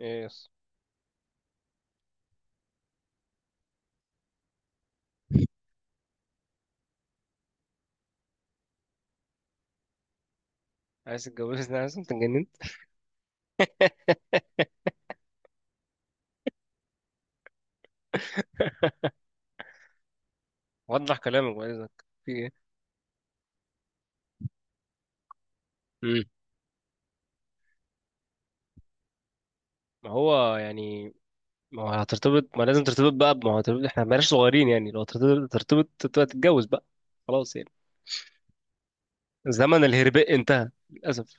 ايه يس. عايز تتجوزني؟ عايز انت؟ اتجننت؟ وضح كلامك بعد اذنك، في ايه؟ امم. ما هو يعني ما هو هترتبط، ما لازم ترتبط بقى، ما هو هترتبط، احنا بلاش صغيرين يعني، لو ترتبط ترتبط تبقى تتجوز بقى. خلاص يعني. زمن الهرباء انتهى للاسف.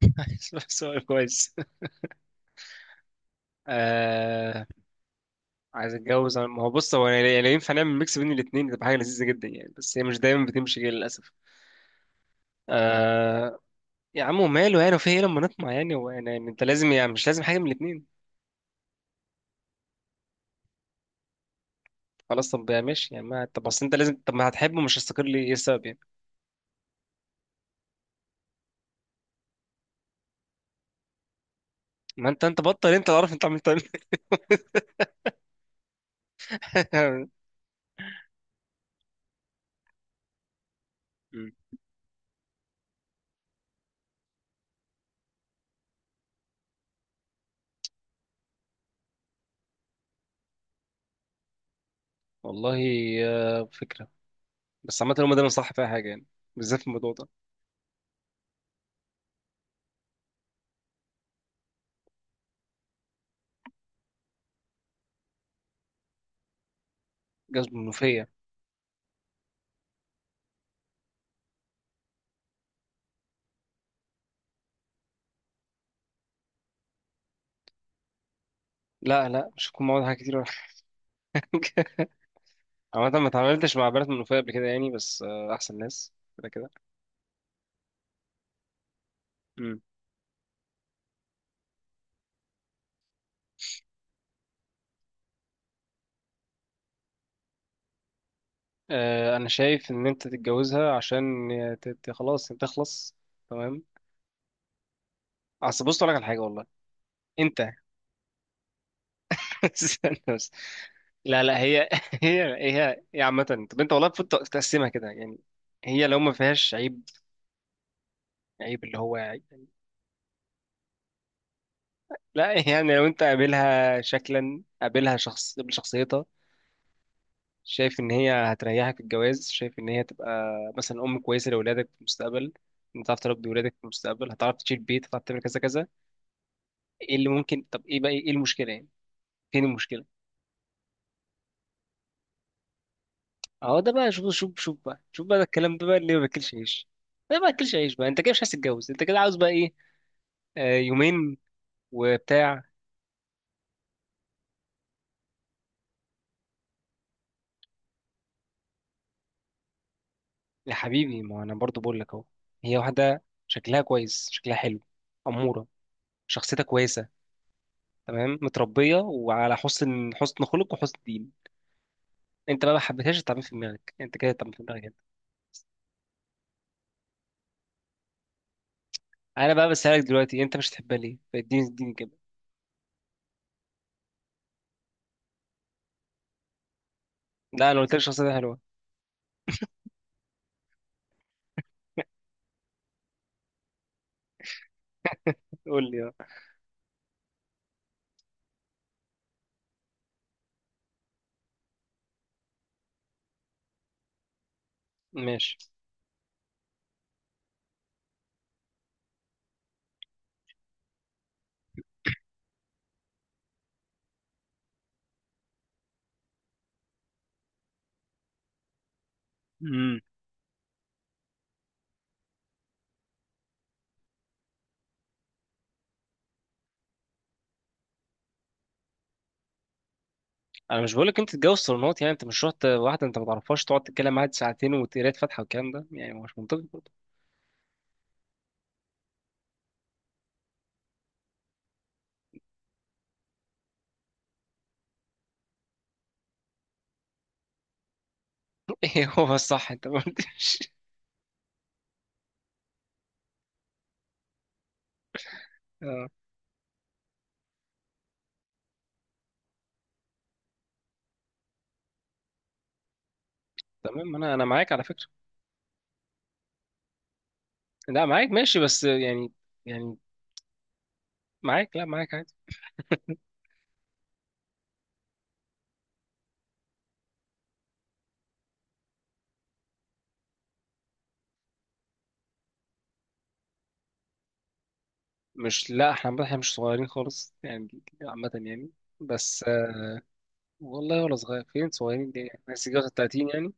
سؤال كويس. آه... عايز اتجوز، ما هو بص هو يعني لو ينفع نعمل ميكس بين الاثنين تبقى حاجه لذيذه جدا يعني، بس هي مش دايما بتمشي كده للاسف. آه... يا عم وماله يعني، في ايه لما نطمع يعني، هو يعني انت لازم يعني مش لازم حاجه من الاثنين. خلاص طب يا ماشي يعني، ما طب اصل انت لازم، طب ما هتحبه مش هيستقر ليه، ايه السبب يعني؟ ما انت بطل، انت اللي عارف انت عملت ايه. مم. والله. آه، فكرة. بس عامة هما دايما صح فيها حاجة يعني، بالذات في الموضوع ده. جواز منوفية. لا لا، مش هكون معاهم حاجة كتير ولا حاجة. عامة ما اتعاملتش مع بنات منوفية قبل كده يعني، بس آه، أحسن ناس كده كده. مم. آه، أنا شايف إن أنت تتجوزها عشان خلاص أنت تخلص. تمام. أصل بص أقول لك على حاجة والله. أنت استنى بس. لا لا، هي هي عامة، طب انت والله المفروض تقسمها كده يعني، هي لو ما فيهاش عيب، عيب اللي هو يعني، لا يعني لو انت قابلها شكلا قابلها شخص قابل شخصيتها، شايف ان هي هتريحك في الجواز، شايف ان هي تبقى مثلا ام كويسة لاولادك في المستقبل، انت هتعرف تربي ولادك في المستقبل، هتعرف تشيل بيت، هتعرف تعمل كذا كذا. ايه اللي ممكن، طب ايه بقى، ايه المشكلة يعني؟ فين المشكلة؟ اهو ده بقى، شوف بقى، ده الكلام ده بقى اللي ما باكلش عيش. ده ما باكلش عيش بقى، انت كده مش عايز تتجوز، انت كده عاوز بقى ايه؟ آه يومين وبتاع. يا حبيبي ما انا برضو بقول لك اهو، هي واحده شكلها كويس، شكلها حلو، اموره، شخصيتها كويسه، تمام، متربيه وعلى حسن، حسن خلق وحسن دين. انت بقى ما حبيتهاش، تعمل في دماغك انت كده، تعمل في دماغك انت. انا بقى بسالك دلوقتي، انت مش تحبها ليه؟ اديني كده. لا انا قلت لك شخصيتها حلوه. قول لي بقى. ماشي. انا مش بقولك انت تتجوز صالونات يعني، انت مش رحت واحده انت ما تعرفهاش، تقعد تتكلم معاها ساعتين وتقرا فاتحه والكلام ده يعني، هو مش منطقي برضه. ايه هو، بس صح انت ما قلتش. اه، تمام. انا انا معاك على فكره. لا معاك ماشي، بس يعني يعني معاك، لا معاك عادي. مش، لا احنا عامة احنا مش صغيرين خالص يعني، عامه يعني، بس آه، والله ولا صغير، فين صغيرين دي يعني، بس جواز 30 يعني.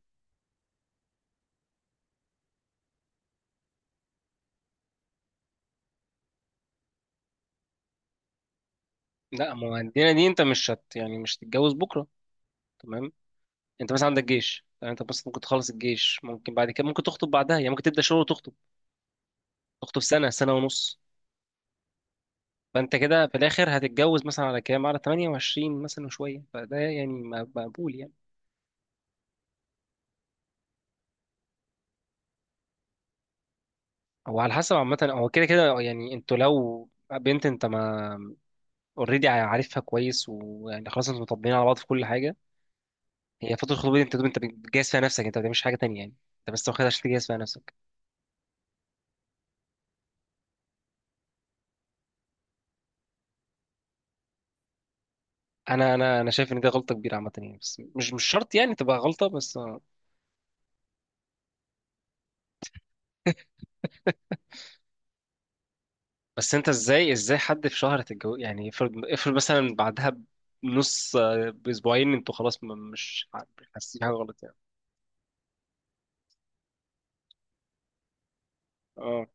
لا ما هو عندنا دي، انت مش هت يعني مش هتتجوز بكره. تمام. انت بس عندك جيش، يعني انت بس ممكن تخلص الجيش، ممكن بعد كده ممكن تخطب بعدها يعني، ممكن تبدا شغل وتخطب، تخطب سنة سنة ونص. فأنت كده في الآخر هتتجوز مثلا على كام، على 28 مثلا وشوية، فده يعني مقبول يعني. هو على حسب، عامة هو كده كده يعني، انتوا لو بنت انت ما اوريدي عارفها كويس ويعني خلاص انتوا مطبقين على بعض في كل حاجة. هي فترة الخطوبة دي انت بتجهز فيها نفسك، انت ما بتعملش حاجة تانية يعني، انت بس واخدها عشان تجهز فيها نفسك. انا شايف ان دي غلطة كبيرة عامة يعني، بس مش شرط يعني تبقى غلطة بس. بس انت ازاي، ازاي حد في شهر تتجوز يعني، افرض مثلا بعدها بنص، آه، باسبوعين انتوا خلاص، مش ح- حاسين حاجه غلط يعني؟ اه.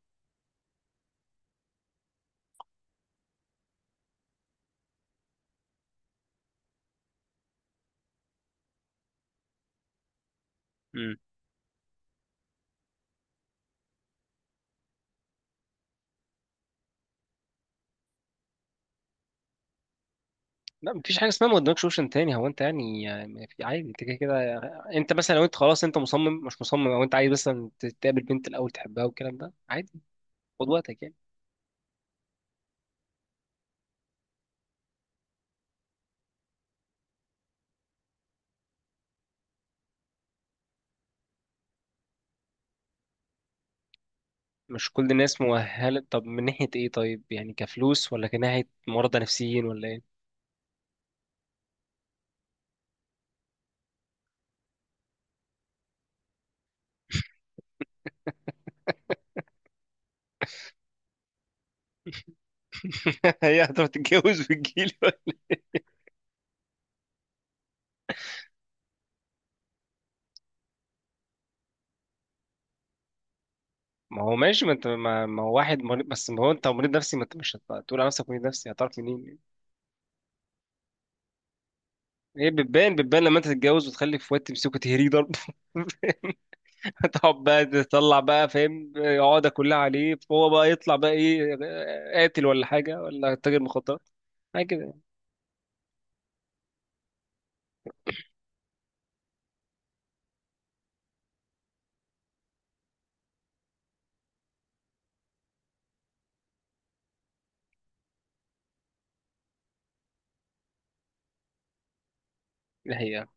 امم. لا مفيش حاجه اسمها ما قدامكش اوبشن تاني، هو انت يعني يعني في عادي انت كده كده. انت مثلا لو انت خلاص انت مصمم، مش مصمم او انت عايز مثلا تقابل بنت الاول تحبها والكلام ده عادي، خد وقتك يعني. مش كل الناس مؤهله، طب من ناحيه ايه؟ طيب يعني كفلوس، ولا كناحيه مرضى نفسيين ولا ايه؟ هي هتروح تتجوز في الجيل. ما هو ماشي، ما انت ما, ما هو واحد مريض، بس ما هو انت مريض نفسي، ما انت مش هت- هتقول على نفسك مريض نفسي، هتعرف منين؟ هي بتبان، بتبان لما انت تتجوز وتخلف واد تمسكه تهريه ضرب. تقعد بقى تطلع بقى، فاهم؟ عقدة كلها عليه، فهو بقى يطلع بقى ايه، قاتل ولا حاجة ولا تاجر مخدرات، حاجة كده يعني. دي الحقيقة.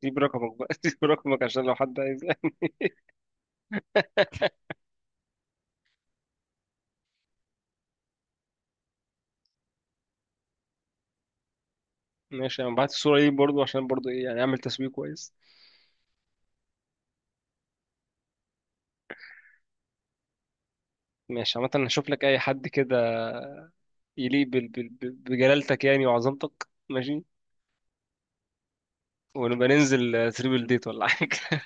سيب رقمك بقى، سيب رقمك عشان لو حد عايز. ماشي، انا بعت الصورة دي برضو عشان برضو ايه يعني، اعمل تسويق كويس. ماشي، عامة هشوف لك اي حد كده يليق بجلالتك يعني وعظمتك. ماشي، ونبقى ننزل تريبل ديت ولا حاجة.